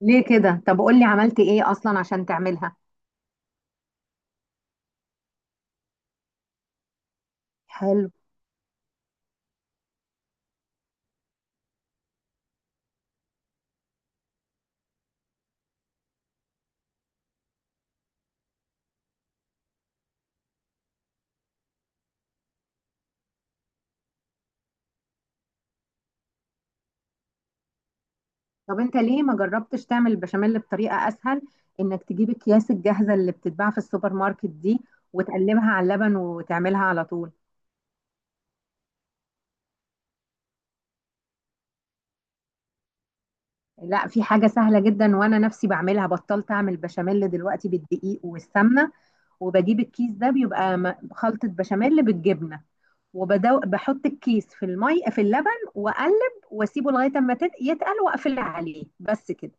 ليه كده؟ طب قول لي عملت ايه اصلا عشان تعملها؟ حلو. طب انت ليه ما جربتش تعمل البشاميل بطريقة اسهل؟ انك تجيب اكياس الجاهزة اللي بتتباع في السوبر ماركت دي، وتقلبها على اللبن وتعملها على طول. لا، في حاجة سهلة جدا وانا نفسي بعملها. بطلت اعمل بشاميل دلوقتي بالدقيق والسمنة، وبجيب الكيس ده بيبقى خلطة بشاميل بالجبنة. وبحط الكيس في المي في اللبن، واقلب واسيبه لغاية اما يتقل، واقفل عليه بس كده.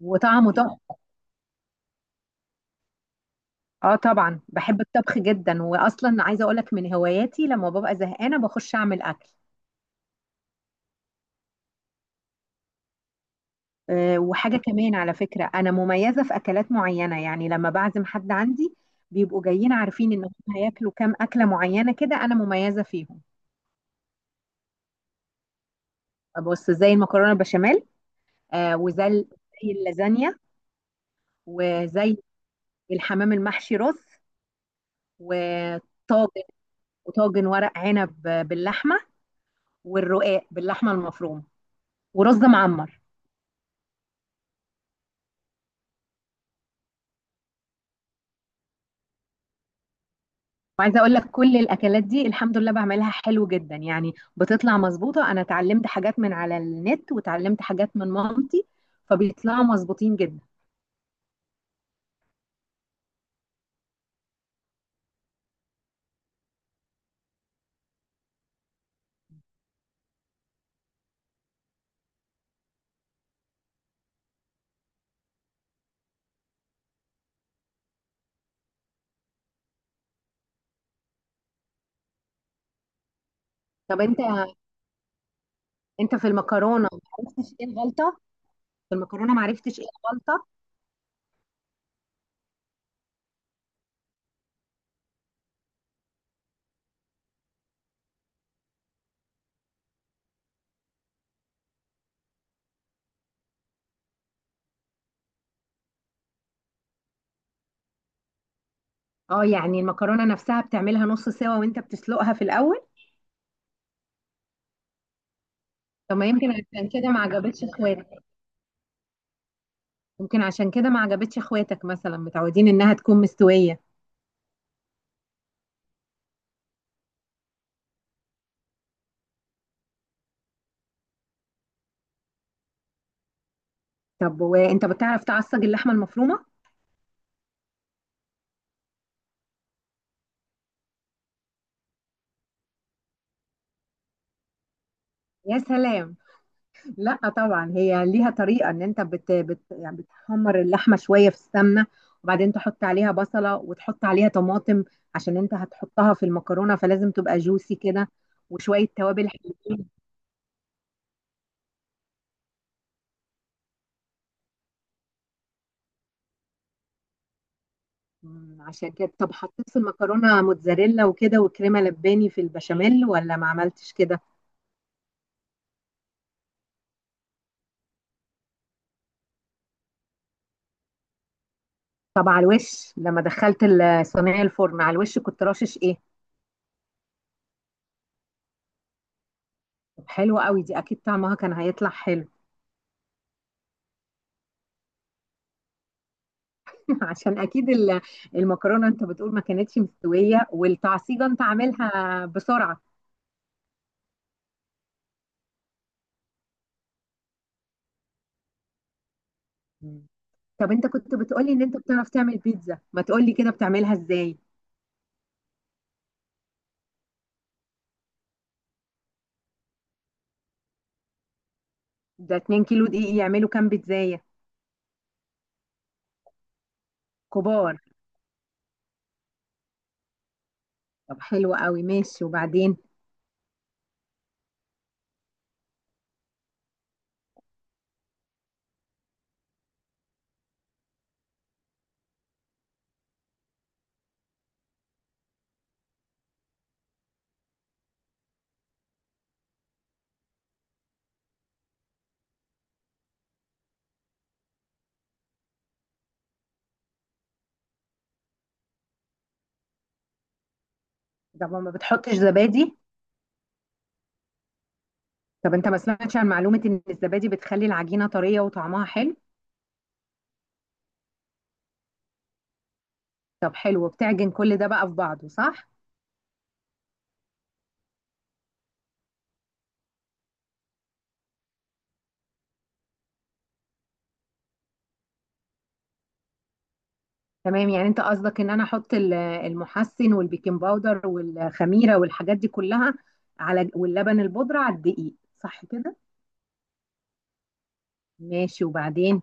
وطعمه تحفة. اه طبعا، بحب الطبخ جدا. واصلا عايزه اقولك من هواياتي لما ببقى زهقانه بخش اعمل اكل. أه، وحاجه كمان على فكره، انا مميزه في اكلات معينه، يعني لما بعزم حد عندي بيبقوا جايين عارفين ان هم هياكلوا كام اكله معينه كده انا مميزه فيهم. بص، زي المكرونه البشاميل. أه، وزي زي اللازانيا، وزي الحمام المحشي رز، وطاجن، وطاجن ورق عنب باللحمه، والرقاق باللحمه المفرومه، ورز معمر. وعايزه اقول لك، كل الاكلات دي الحمد لله بعملها حلو جدا، يعني بتطلع مظبوطه. انا اتعلمت حاجات من على النت وتعلمت حاجات من مامتي، فبيطلعوا مظبوطين جدا. طب انت في المكرونه ما عرفتش ايه الغلطه؟ في المكرونه ما عرفتش ايه الغلطه؟ اه، يعني المكرونه نفسها بتعملها نص سوا وانت بتسلقها في الاول؟ طب ما يمكن عشان كده ما عجبتش اخواتك. يمكن عشان كده ما عجبتش اخواتك، مثلا متعودين انها تكون مستويه. طب وانت بتعرف تعصج اللحمه المفرومه؟ يا سلام. لا طبعا، هي ليها طريقة ان انت بت يعني بتحمر اللحمة شوية في السمنة، وبعدين تحط عليها بصلة وتحط عليها طماطم، عشان انت هتحطها في المكرونة فلازم تبقى جوسي كده، وشوية توابل حلوين. عشان كده، طب حطيت في المكرونة موتزاريلا وكده وكريمة لباني في البشاميل ولا ما عملتش كده؟ طب على الوش، لما دخلت الصينية الفرن على الوش كنت رشش ايه؟ طب حلوة قوي دي، اكيد طعمها كان هيطلع حلو. عشان اكيد المكرونه، انت بتقول ما كانتش مستويه، والتعصيجه انت عاملها بسرعه. مم. طب انت كنت بتقولي ان انت بتعرف تعمل بيتزا، ما تقولي كده بتعملها ازاي؟ ده 2 كيلو دقيق يعملوا كام بيتزاية كبار؟ طب حلو قوي، ماشي وبعدين؟ طب ما بتحطش زبادي؟ طب انت ما سمعتش عن معلومة ان الزبادي بتخلي العجينة طرية وطعمها حلو؟ طب حلو، بتعجن كل ده بقى في بعضه، صح؟ تمام، يعني انت قصدك ان انا احط المحسن والبيكنج باودر والخميره والحاجات دي كلها على واللبن البودره على الدقيق، صح كده؟ ماشي وبعدين؟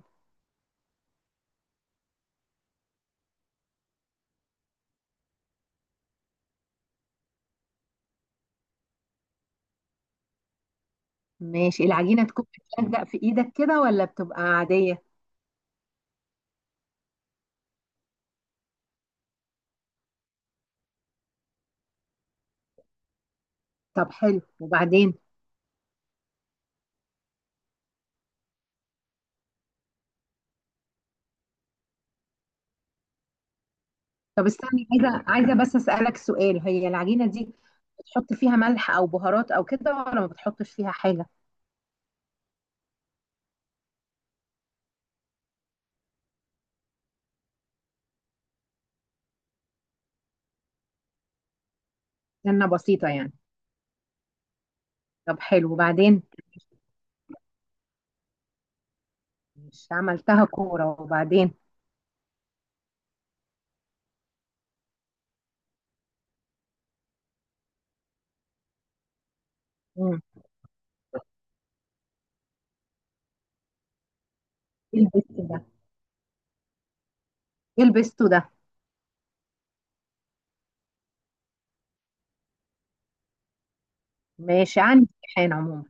ماشي، العجينه تكون بتلزق في ايدك كده ولا بتبقى عاديه؟ طب حلو وبعدين؟ طب استني، عايزه بس اسالك سؤال، هي العجينه دي بتحط فيها ملح او بهارات او كده ولا ما بتحطش فيها حاجه؟ سنه بسيطه يعني. طب حلو وبعدين؟ مش عملتها كوره وبعدين؟ مم. ايه البيستو ده ايه البيستو ده؟ ماشي، عندي امتحان عموما.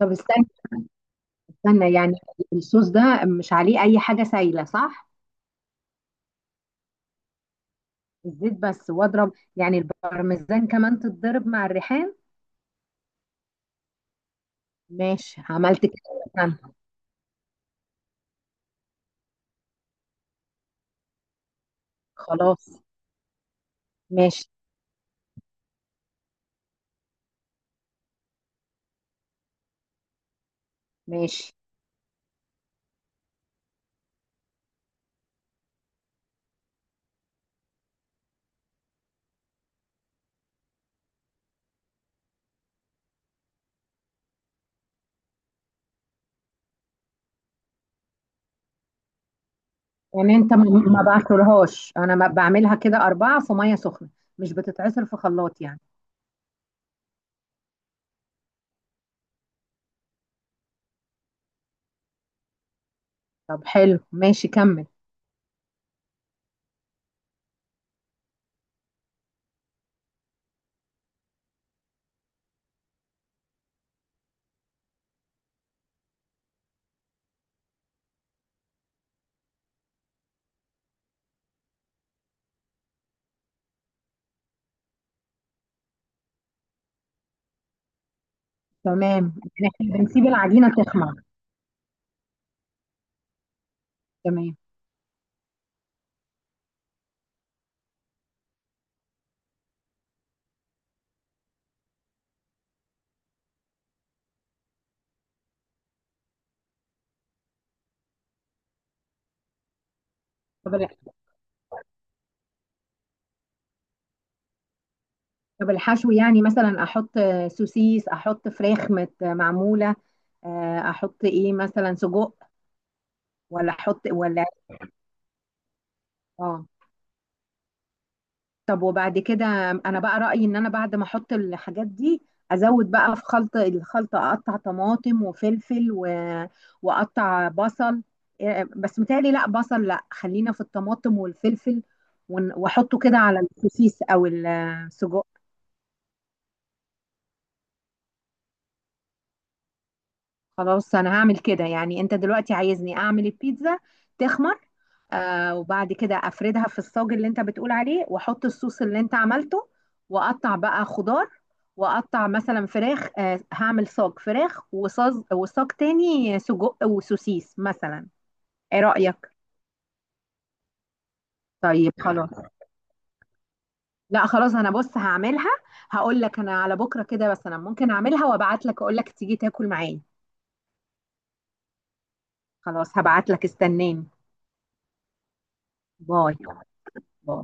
طب استنى. استنى يعني، الصوص ده مش عليه اي حاجه سايله، صح؟ الزيت بس؟ واضرب يعني البارميزان كمان تتضرب مع الريحان؟ ماشي، عملت كده. استنى. خلاص. ماشي. ماشي، يعني انت ما بعصرهاش، انا ما بعملها كده اربعه في ميه سخنه، مش بتتعصر في خلاط يعني؟ طب حلو ماشي، كمل. تمام، يعني احنا بنسيب العجينه تخمر؟ تمام. طب طب الحشو يعني، مثلا احط سوسيس، احط فراخ مت معموله، احط ايه مثلا سجق ولا احط ولا؟ اه، طب وبعد كده؟ انا بقى رايي ان انا بعد ما احط الحاجات دي، ازود بقى في خلط الخلطه، اقطع طماطم وفلفل واقطع بصل. إيه، بس متهيألي، لا بصل، لا، خلينا في الطماطم والفلفل. واحطه كده على السوسيس او السجق. خلاص، انا هعمل كده، يعني انت دلوقتي عايزني اعمل البيتزا، تخمر، وبعد كده افردها في الصاج اللي انت بتقول عليه، واحط الصوص اللي انت عملته، واقطع بقى خضار، واقطع مثلا فراخ، هعمل صاج فراخ وصاج، وصاج تاني سجق وسوسيس مثلا. ايه رأيك؟ طيب، خلاص. لا خلاص، انا بص هعملها. هقول لك، انا على بكره كده، بس انا ممكن اعملها وابعت لك اقول لك تيجي تاكل معايا. خلاص، هبعت لك، استناني. باي. باي.